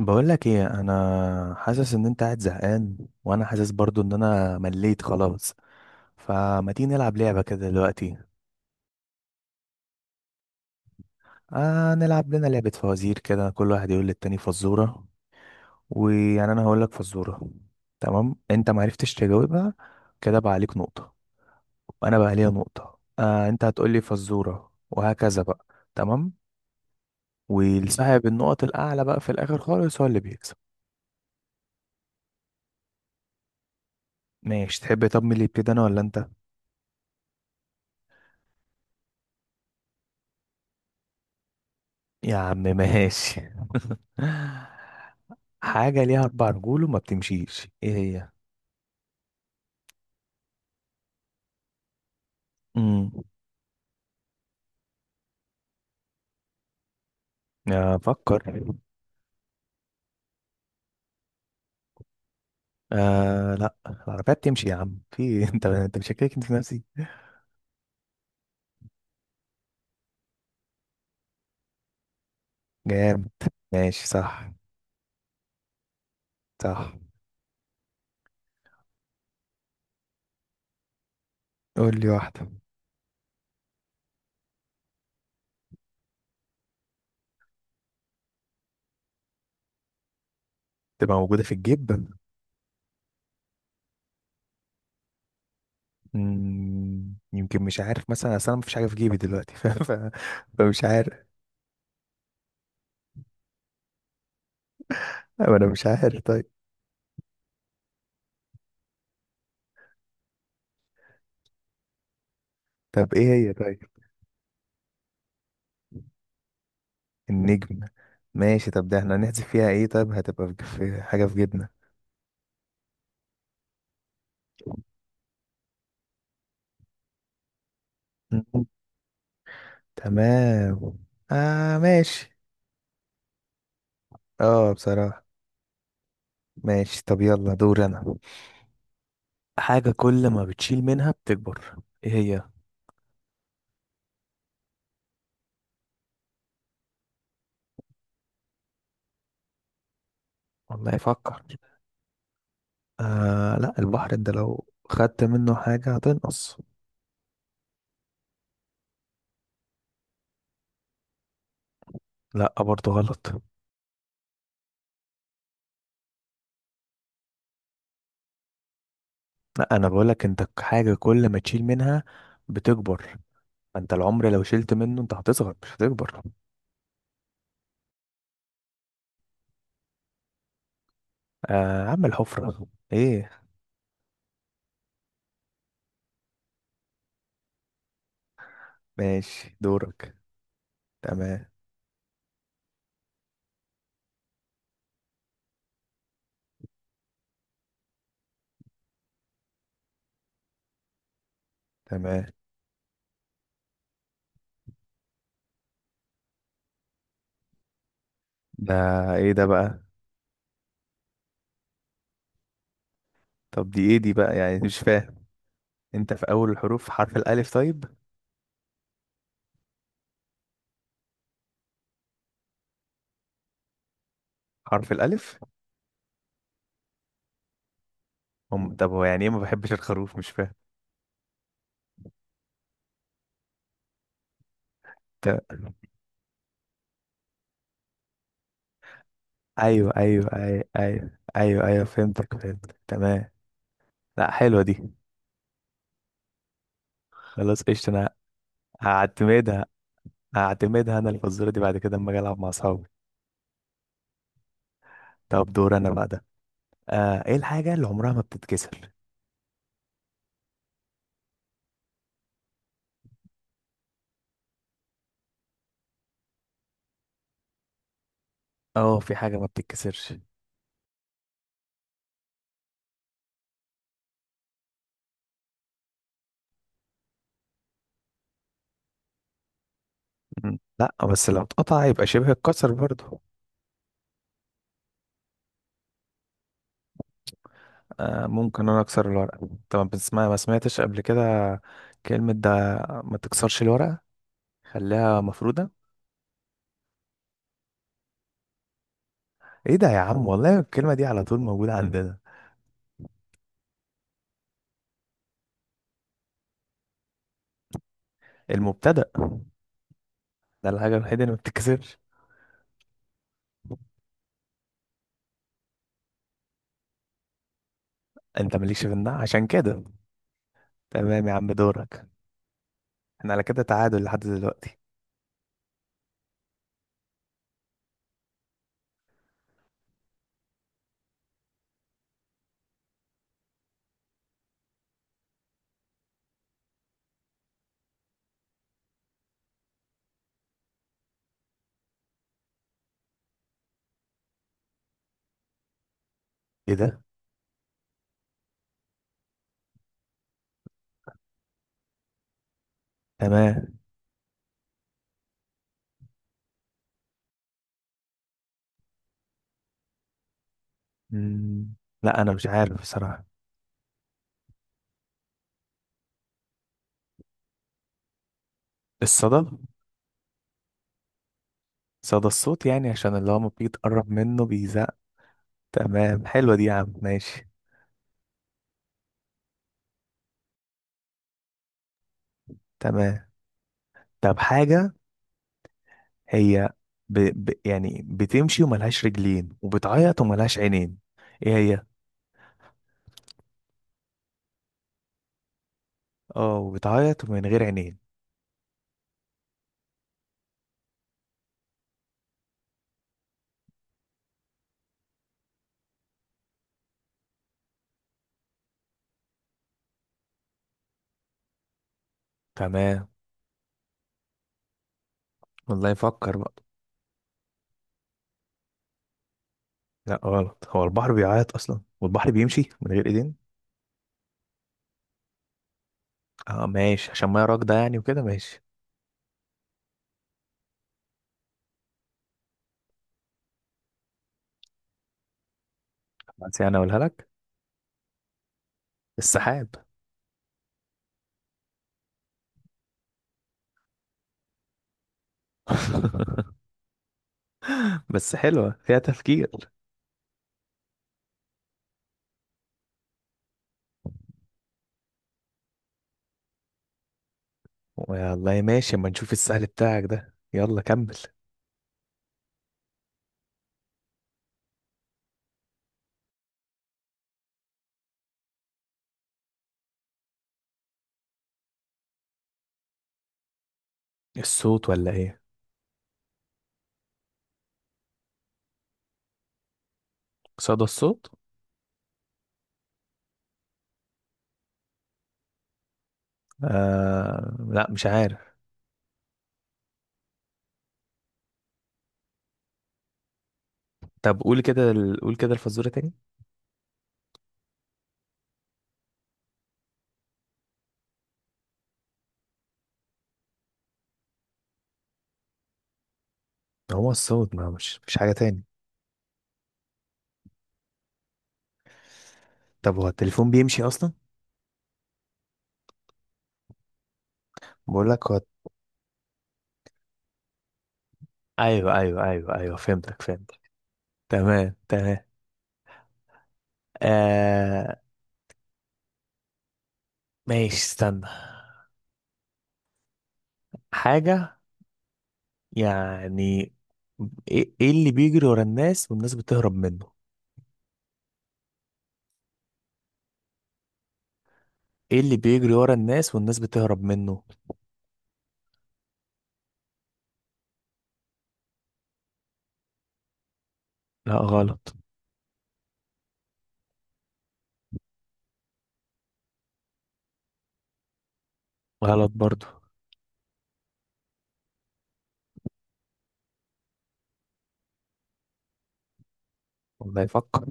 بقولك ايه، انا حاسس ان انت قاعد زهقان، وانا حاسس برضو ان انا مليت خلاص، فما تيجي نلعب لعبة كده دلوقتي؟ آه، نلعب لنا لعبة فوازير كده، كل واحد يقول للتاني فزورة. ويعني انا هقولك فزورة، تمام؟ انت معرفتش تجاوبها، كده بقى عليك نقطة، وانا بقى عليا نقطة. آه انت هتقولي فزورة وهكذا بقى. تمام. والصاحب النقط الاعلى بقى في الاخر خالص هو اللي بيكسب. ماشي تحب، طب مين اللي يبتدي، انا ولا انت؟ يا عم ماشي. حاجة ليها أربع رجول وما بتمشيش، إيه هي؟ امم أفكر. آه، لا، العربية بتمشي يا عم في إيه؟ أنت مشكك أنت في نفسي. جامد ماشي صح. صح. قول لي واحدة. تبقى موجودة في الجيب. يمكن مش عارف مثلا، أصل أنا مفيش حاجة في جيبي دلوقتي. فمش عارف. أو أنا مش عارف طيب. طب إيه هي طيب؟ النجم. ماشي طب ده احنا هنحذف فيها إيه طيب، هتبقى في حاجة في جيبنا؟ تمام. آه ماشي. اه بصراحة. ماشي طب يلا دور انا. حاجة كل ما بتشيل منها بتكبر، ايه هي؟ والله فكر. آه، لا، البحر انت لو خدت منه حاجة هتنقص. لا برضه غلط. لا انا بقولك انت حاجة كل ما تشيل منها بتكبر. انت العمر لو شلت منه انت هتصغر مش هتكبر. آه عم الحفرة. ايه ماشي دورك. تمام. تمام. ده ايه ده بقى؟ طب دي ايه دي بقى يعني مش فاهم. انت في اول الحروف حرف الالف طيب. حرف الالف. طب هو يعني ايه ما بحبش الخروف، مش فاهم طب. ايوه، ايوه، ايوه، ايوه، ايوه، ايوه، فهمتك، فهمتك، تمام. لا حلوه دي. خلاص قشطه انا. هعتمدها، هعتمدها انا الفزوره دي بعد كده اما اجي العب مع اصحابي. طب دور انا بقى ده. آه ايه الحاجه اللي عمرها ما بتتكسر؟ اه في حاجه ما بتتكسرش. لا بس لو اتقطع يبقى شبه اتكسر برضه. آه ممكن انا اكسر الورقه طبعا، بس ما سمعتش قبل كده كلمه ده ما تكسرش الورقه. خليها مفرودة. ايه ده يا عم؟ اه والله الكلمة دي على طول موجودة عندنا. المبتدأ ده الحاجة الوحيدة اللي ما بتتكسرش. انت مالكش في النوع عشان كده. تمام يا عم دورك. احنا على كده تعادل لحد دلوقتي. ايه ده؟ تمام. مم. لا انا مش عارف بصراحة. الصدى. صدى الصوت يعني عشان اللي هو ما بيتقرب منه بيزق. تمام حلوة دي يا عم ماشي. تمام طب حاجة هي يعني بتمشي وملهاش رجلين وبتعيط وملهاش عينين، ايه هي؟ اه وبتعيط ومن غير عينين. تمام. والله يفكر بقى. لا غلط، هو البحر بيعيط اصلا والبحر بيمشي من غير ايدين. اه ماشي عشان ما راكده يعني وكده ماشي. بس يعني اقولها لك. السحاب. بس حلوه فيها تفكير. والله ماشي اما نشوف السهل بتاعك ده. يلا كمل. الصوت ولا ايه؟ صدى الصوت. آه لا مش عارف. طب قول كده قول كده الفزوره تاني. هو الصوت ما مش حاجه تاني. طب هو التليفون بيمشي اصلا؟ بقول لك، ايوه، ايوه، ايوه، ايوه، فهمتك، فهمتك، تمام. تمام. آه ماشي. استنى. حاجة يعني إيه اللي بيجري ورا الناس والناس بتهرب منه؟ ايه اللي بيجري ورا الناس والناس بتهرب منه؟ لا غلط. غلط برضو. والله يفكر.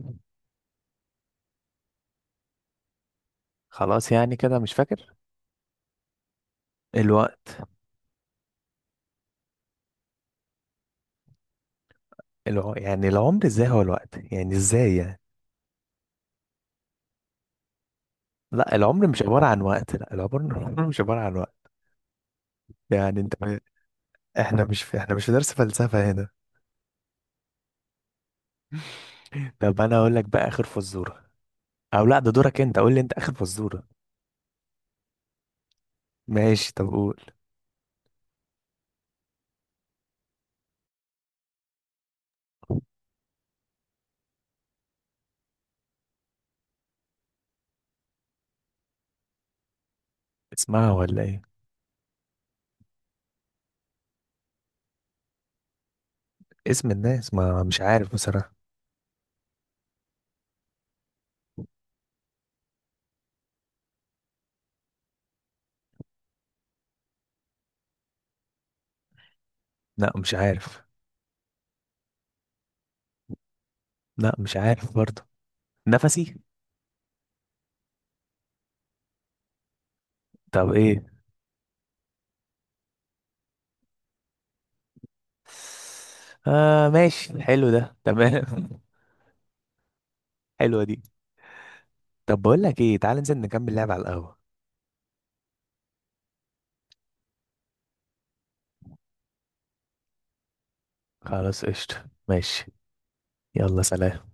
خلاص يعني كده مش فاكر. الوقت. يعني العمر ازاي هو الوقت يعني ازاي يعني؟ لا العمر مش عبارة عن وقت. لا العمر العمر مش عبارة عن وقت. يعني انت احنا مش في درس فلسفة هنا. طب انا اقول لك بقى اخر فزوره. او لا ده دورك انت، قول لي انت اخر فزوره. ماشي طب قول. اسمها ولا ايه؟ اسم الناس، ما مش عارف بصراحه. لا مش عارف. لا مش عارف برضه. نفسي. طب ايه؟ آه ماشي حلو ده تمام. حلوه دي. طب بقول لك ايه، تعال ننزل نكمل لعب على القهوه. خلاص قشطه ماشي. يلا سلام.